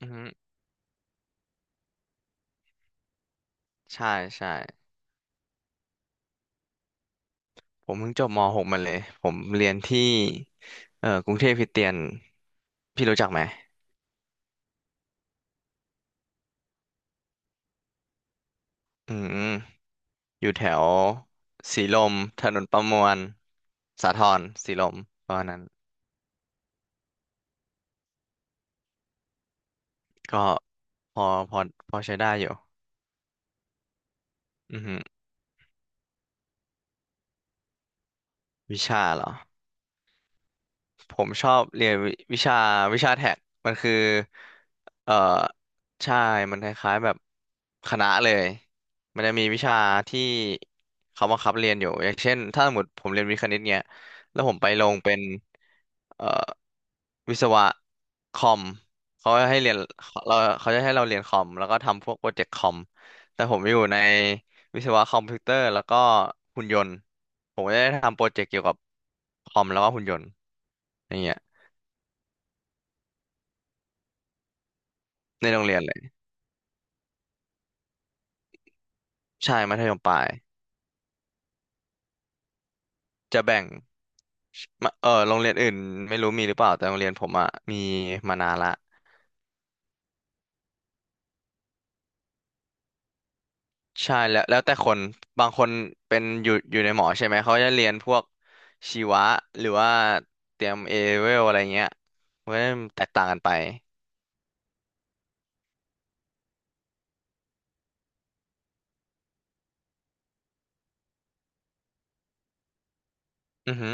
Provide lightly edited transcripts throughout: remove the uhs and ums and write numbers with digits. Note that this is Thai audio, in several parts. อือฮึใช่ใช่ผมเพิ่งจบม .6 มาเลยผมเรียนที่กรุงเทพคริสเตียนพี่รู้จักไหมอืมอยู่แถวสีลมถนนประมวลสาทรสีลมประมาณนั้นก็พอพอพอใช้ได้อยู่อือฮึวิชาเหรอ ผมชอบเรียนวิชาแท็กมันคือเอ่อใช่มันคล้ายๆแบบคณะเลย มันจะมีวิชาที่เขาบังคับเรียนอยู่อย่างเช่นถ้าสมมติผมเรียนวิทย์คณิตเนี้ยแล้วผมไปลงเป็นเอ่อวิศวะคอมเขาให้เรียนเขาจะให้เราเรียนคอมแล้วก็ทำพวกโปรเจกต์คอม แต่ผมอยู่ใน วิศวะคอมพิวเตอร์แล้วก็หุ่นยนต์ผมก็ได้ทำโปรเจกต์เกี่ยวกับคอมแล้วก็หุ่นยนต์อย่างเงี้ยในโรงเรียนเลยใช่มัธยมปลายจะแบ่งมาเออโรงเรียนอื่นไม่รู้มีหรือเปล่าแต่โรงเรียนผมอะมีมานานละใช่แล้วแล้วแต่คนบางคนเป็นอยู่อยู่ในหมอใช่ไหมเขาจะเรียนพวกชีวะหรือว่าเตรียมเอเวลอะไรเงี้ยเว้ยแตกต่างกันไปอือฮึ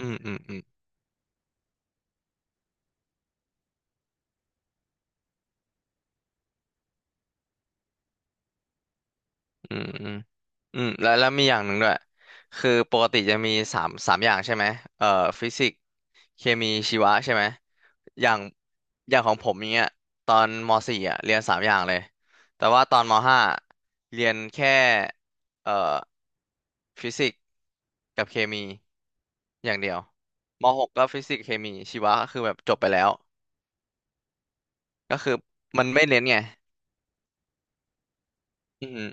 อืมอืมอืม อืมอืมอืมแล้วมีอย่างหนึ่งด้วยคือปกติจะมีสามอย่างใช่ไหมเอ่อฟิสิกส์เคมีชีวะใช่ไหมอย่างอย่างของผมอย่างเงี้ยตอนมสี่อ่ะเรียนสามอย่างเลยแต่ว่าตอนมห้าเรียนแค่เอ่อฟิสิกส์กับเคมีอย่างเดียวมหกก็ฟิสิกส์เคมีชีวะก็คือแบบจบไปแล้วก็คือมันไม่เน้นไงอืม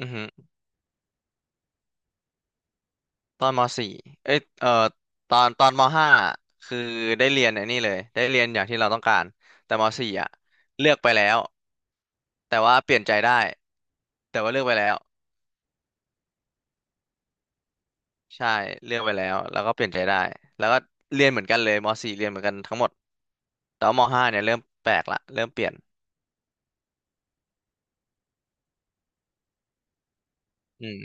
อหืม ตอนมสี่เอ้ยตอนมห้าคือได้เรียนไอ้นี่เลยได้เรียนอย่างที่เราต้องการแต่มสี่อ่ะเลือกไปแล้วแต่ว่าเปลี่ยนใจได้แต่ว่าเลือกไปแล้ว ใช่เลือกไปแล้วแล้วก็เปลี่ยนใจได้แล้วก็เรียนเหมือนกันเลยมสี่เรียนเหมือนกันทั้งหมดแต่ว่ามห้าเนี่ยเริ่มแปลกละเริ่มเปลี่ยนอืม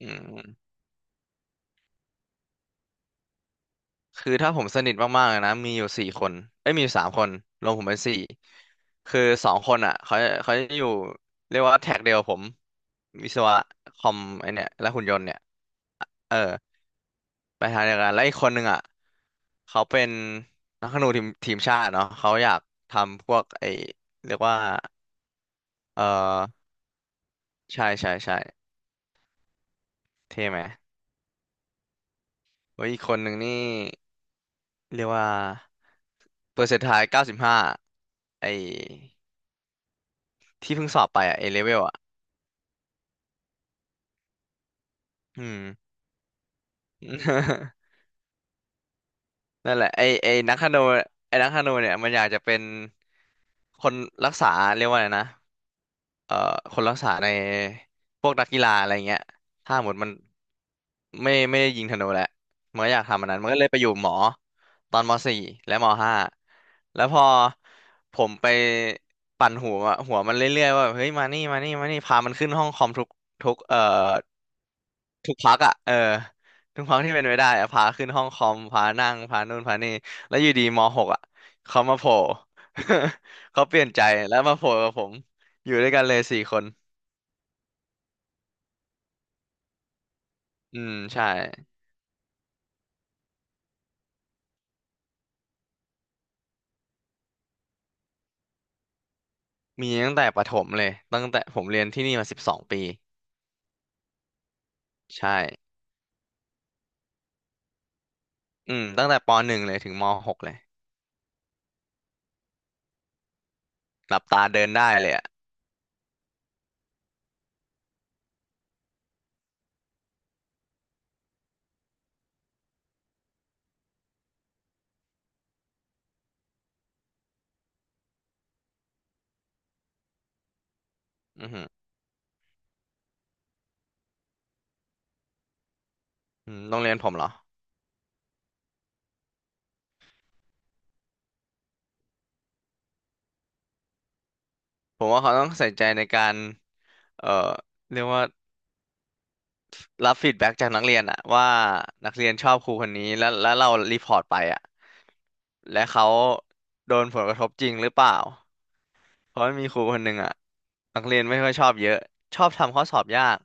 อืมคือถ้าผมสนิทมากๆเลยนะมีอยู่สี่คนเอ้ยมีอยู่สามคนรวมผมเป็นสี่ คือสองคนอ่ะเขาจะอยู่เรียกว่าแท็กเดียวกับผมวิศวะคอมไอเนี่ยและหุ่นยนต์เนี่ยเออไปทางเดียวกันแล้วอีกคนหนึ่งอ่ะเขาเป็นนักธนูทีมชาติเนาะเขาอยากทำพวกไอเรียกว่าเออใช่ใช่ใช่เท่ไหมโอ้ยอีกคนหนึ่งนี่เรียกว่าเปอร์เซ็นต์ทาย95ไอที่เพิ่งสอบไปอ่ะเอเลเวลอ่ะอืม นั่นแหละไอนักธนูไอนักธนูเนี่ยมันอยากจะเป็นคนรักษาเรียกว่าไงนะเอ่อคนรักษาในพวกนักกีฬาอะไรเงี้ยถ้าหมดมันไม่ได้ยิงธนูแหละมันก็อยากทำอันนั้นมันก็เลยไปอยู่หมอตอนมสี่และมห้าแล้วพอผมไปปั่นหัวมันเรื่อยๆว่าเฮ้ยมานี่มานี่มานี่พามันขึ้นห้องคอมทุกเอ่อ ทุกพักอ่ะเออทุกพักที่เป็นไปได้อะพาขึ้นห้องคอมพานั่งพานู่นพานี่แล้วอยู่ดีมหกอ่ะเขามาโผล่ เขาเปลี่ยนใจแล้วมาโผล่กับผมอยู่ด้วยกันเลยสี่คนอืมใช่มีตั้งแต่ประถมเลยตั้งแต่ผมเรียนที่นี่มา12 ปีใช่อืมตั้งแต่ปหนึ่งเลยถึงมหกเลยหลับตาเดินได้เลยอ่ะอือหืออืมโรงเรียนผมเหรอผมว่าเขาต้องใส่ใจในการเอ่อเรียกว่า รับฟีดแบ็กจากนักเรียนอะว่านักเรียนชอบครูคนนี้แล้วเรารีพอร์ตไปอะและเขาโดนผลกระทบจริงหรือเปล่า เพราะมนมีครูคนหนึ่งอ่ะนักเรียนไม่ค่อยชอบเยอะชอบทำข้อสอบยาก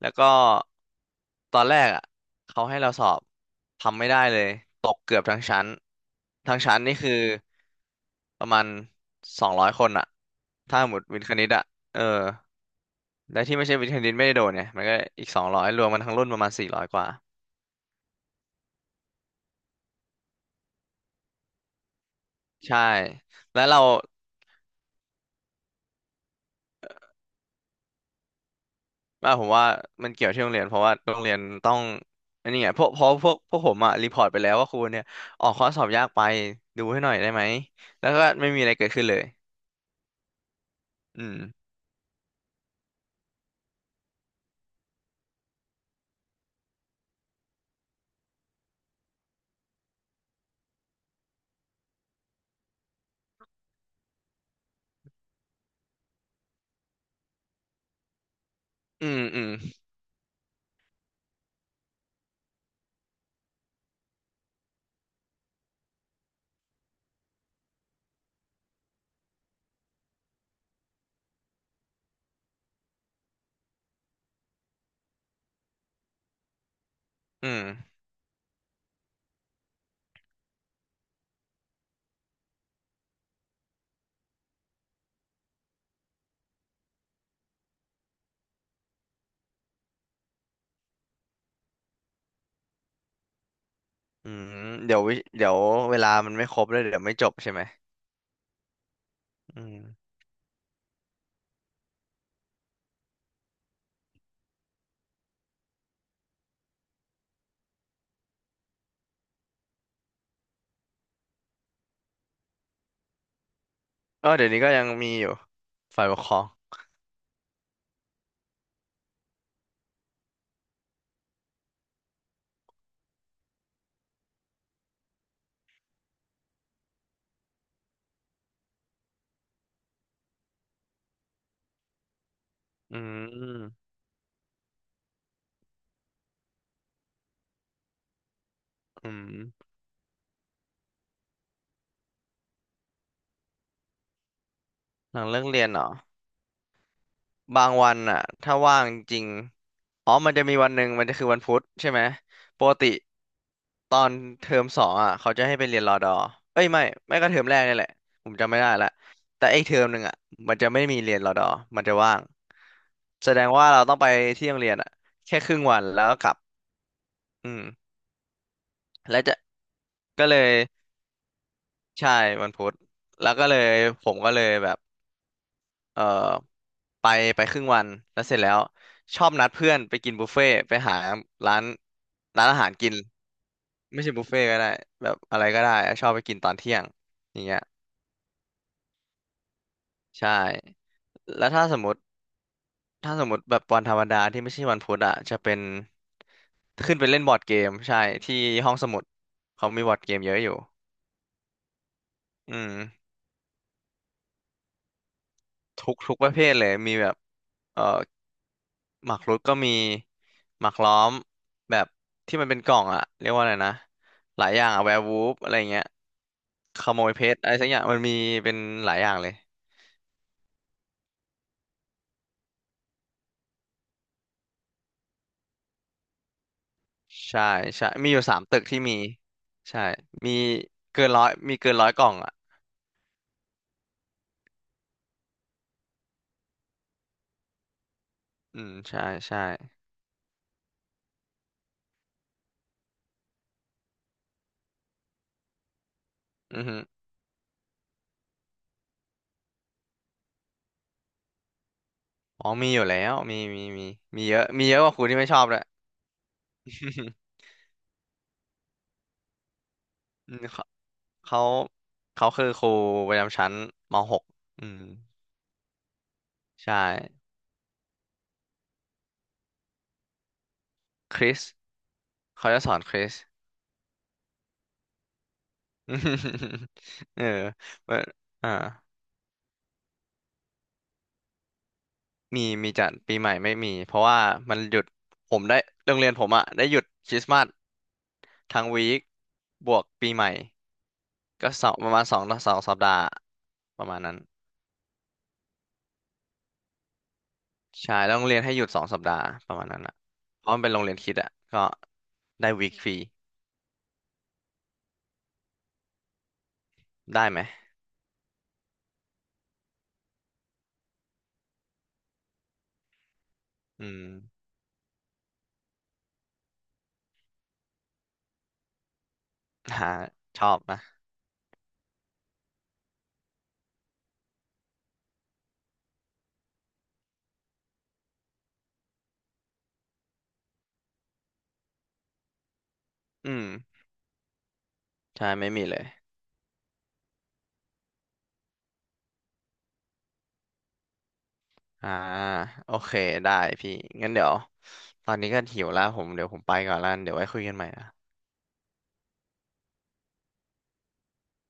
แล้วก็ตอนแรกอ่ะเขาให้เราสอบทำไม่ได้เลยตกเกือบทั้งชั้นทั้งชั้นนี่คือประมาณ200 คนอ่ะถ้าหมดวิทย์คณิตอ่ะเออและที่ไม่ใช่วิทย์คณิตไม่ได้โดนเนี่ยมันก็อีกสองร้อยรวมมันทั้งรุ่นประมาณ400 กว่าใช่แล้วเรา อ่าผมว่ามันเกี่ยวที่โรงเรียนเพราะว่าโรงเรียนต้องอันนี้ไงพวกเพราะพวกพวกผมอะรีพอร์ตไปแล้วว่าครูเนี่ยออกข้อสอบยากไปดูให้หน่อยได้ไหมแล้วก็ไม่มีอะไรเกิดขึ้นเลยอืมอืมอืมอืมอืมเดี๋ยวเวลามันไม่ครบแล้วเดี๋ยวไม่จบใช่ไหมอืมก็เดี๋ยวนี้ก็ยังมีอยู่ฝ่ายปกครองอืมอืมหลังเลิกเรียนเหรอบางวันอะถ้าว่างจริงอ๋อมันจะมีวันหนึ่งมันจะคือวันพุธใช่ไหมปกติ ตอนเทอมสองอ่ะเขาจะให้ไปเรียนรอดอเอ้ยไม่ไม่ก็เทอมแรกนี่แหละผมจำไม่ได้ละแต่ไอ้เทอมหนึ่งอ่ะมันจะไม่มีเรียนรอดอมันจะว่างแสดงว่าเราต้องไปที่โรงเรียนอ่ะแค่ครึ่งวันแล้วก็กลับอืมแล้วจะก็เลยใช่วันพุธแล้วก็เลยผมก็เลยแบบเออไปไปครึ่งวันแล้วเสร็จแล้วชอบนัดเพื่อนไปกินบุฟเฟ่ต์ไปหาร้านร้านอาหารกินไม่ใช่บุฟเฟ่ต์ก็ได้แบบอะไรก็ได้อะชอบไปกินตอนเที่ยงอย่างเงี้ย ใช่แล้วถ้าสมมติถ้าสมมติแบบวันธรรมดาที่ไม่ใช่วันพุธอ่ะจะเป็นขึ้นไปเล่นบอร์ดเกมใช่ที่ห้องสมุดเขามีบอร์ดเกมเยอะอยู่อืมทุกทุกประเภทเลยมีแบบเอ่อหมากรุกก็มีหมากล้อมแบบที่มันเป็นกล่องอ่ะเรียกว่าอะไรนะหลายอย่างอะแวร์วูฟอะไรเงี้ยขโมยเพชรอะไรสักอย่างมันมีเป็นหลายอย่างเลยใช่ใช่มีอยู่สามตึกที่มีใช่มีเกินร้อยมีเกินร้อยกล่องอ่ะ อืมใช่ใช่อือฮึอ๋อมีอยู่แล้วมีมีมีมีเยอะมีเยอะกว่าครูที่ไม่ชอบเลย อืมเขาเขาเขาคือครูประจำชั้นม .6 อืมใช่คริสเขาจะสอนคริส เออเว่อ่ามีมีจัดปีใหม่ไม่มีเพราะว่ามันหยุดผมได้โรงเรียนผมอะได้หยุดคริสต์มาสทั้งวีคบวกปีใหม่ก็สองประมาณสองสองสัปดาห์ประมาณนั้น ใช่แล้วโรงเรียนให้หยุดสองสัปดาห์ประมาณนั้นอ่ะเพราะมันเป็นโรงเรียนคริดอ่ะก็ได้วีคฟรีได้ไหม อืมหาชอบนะอืม ใช่ ไม่มีเลย อ่า โอ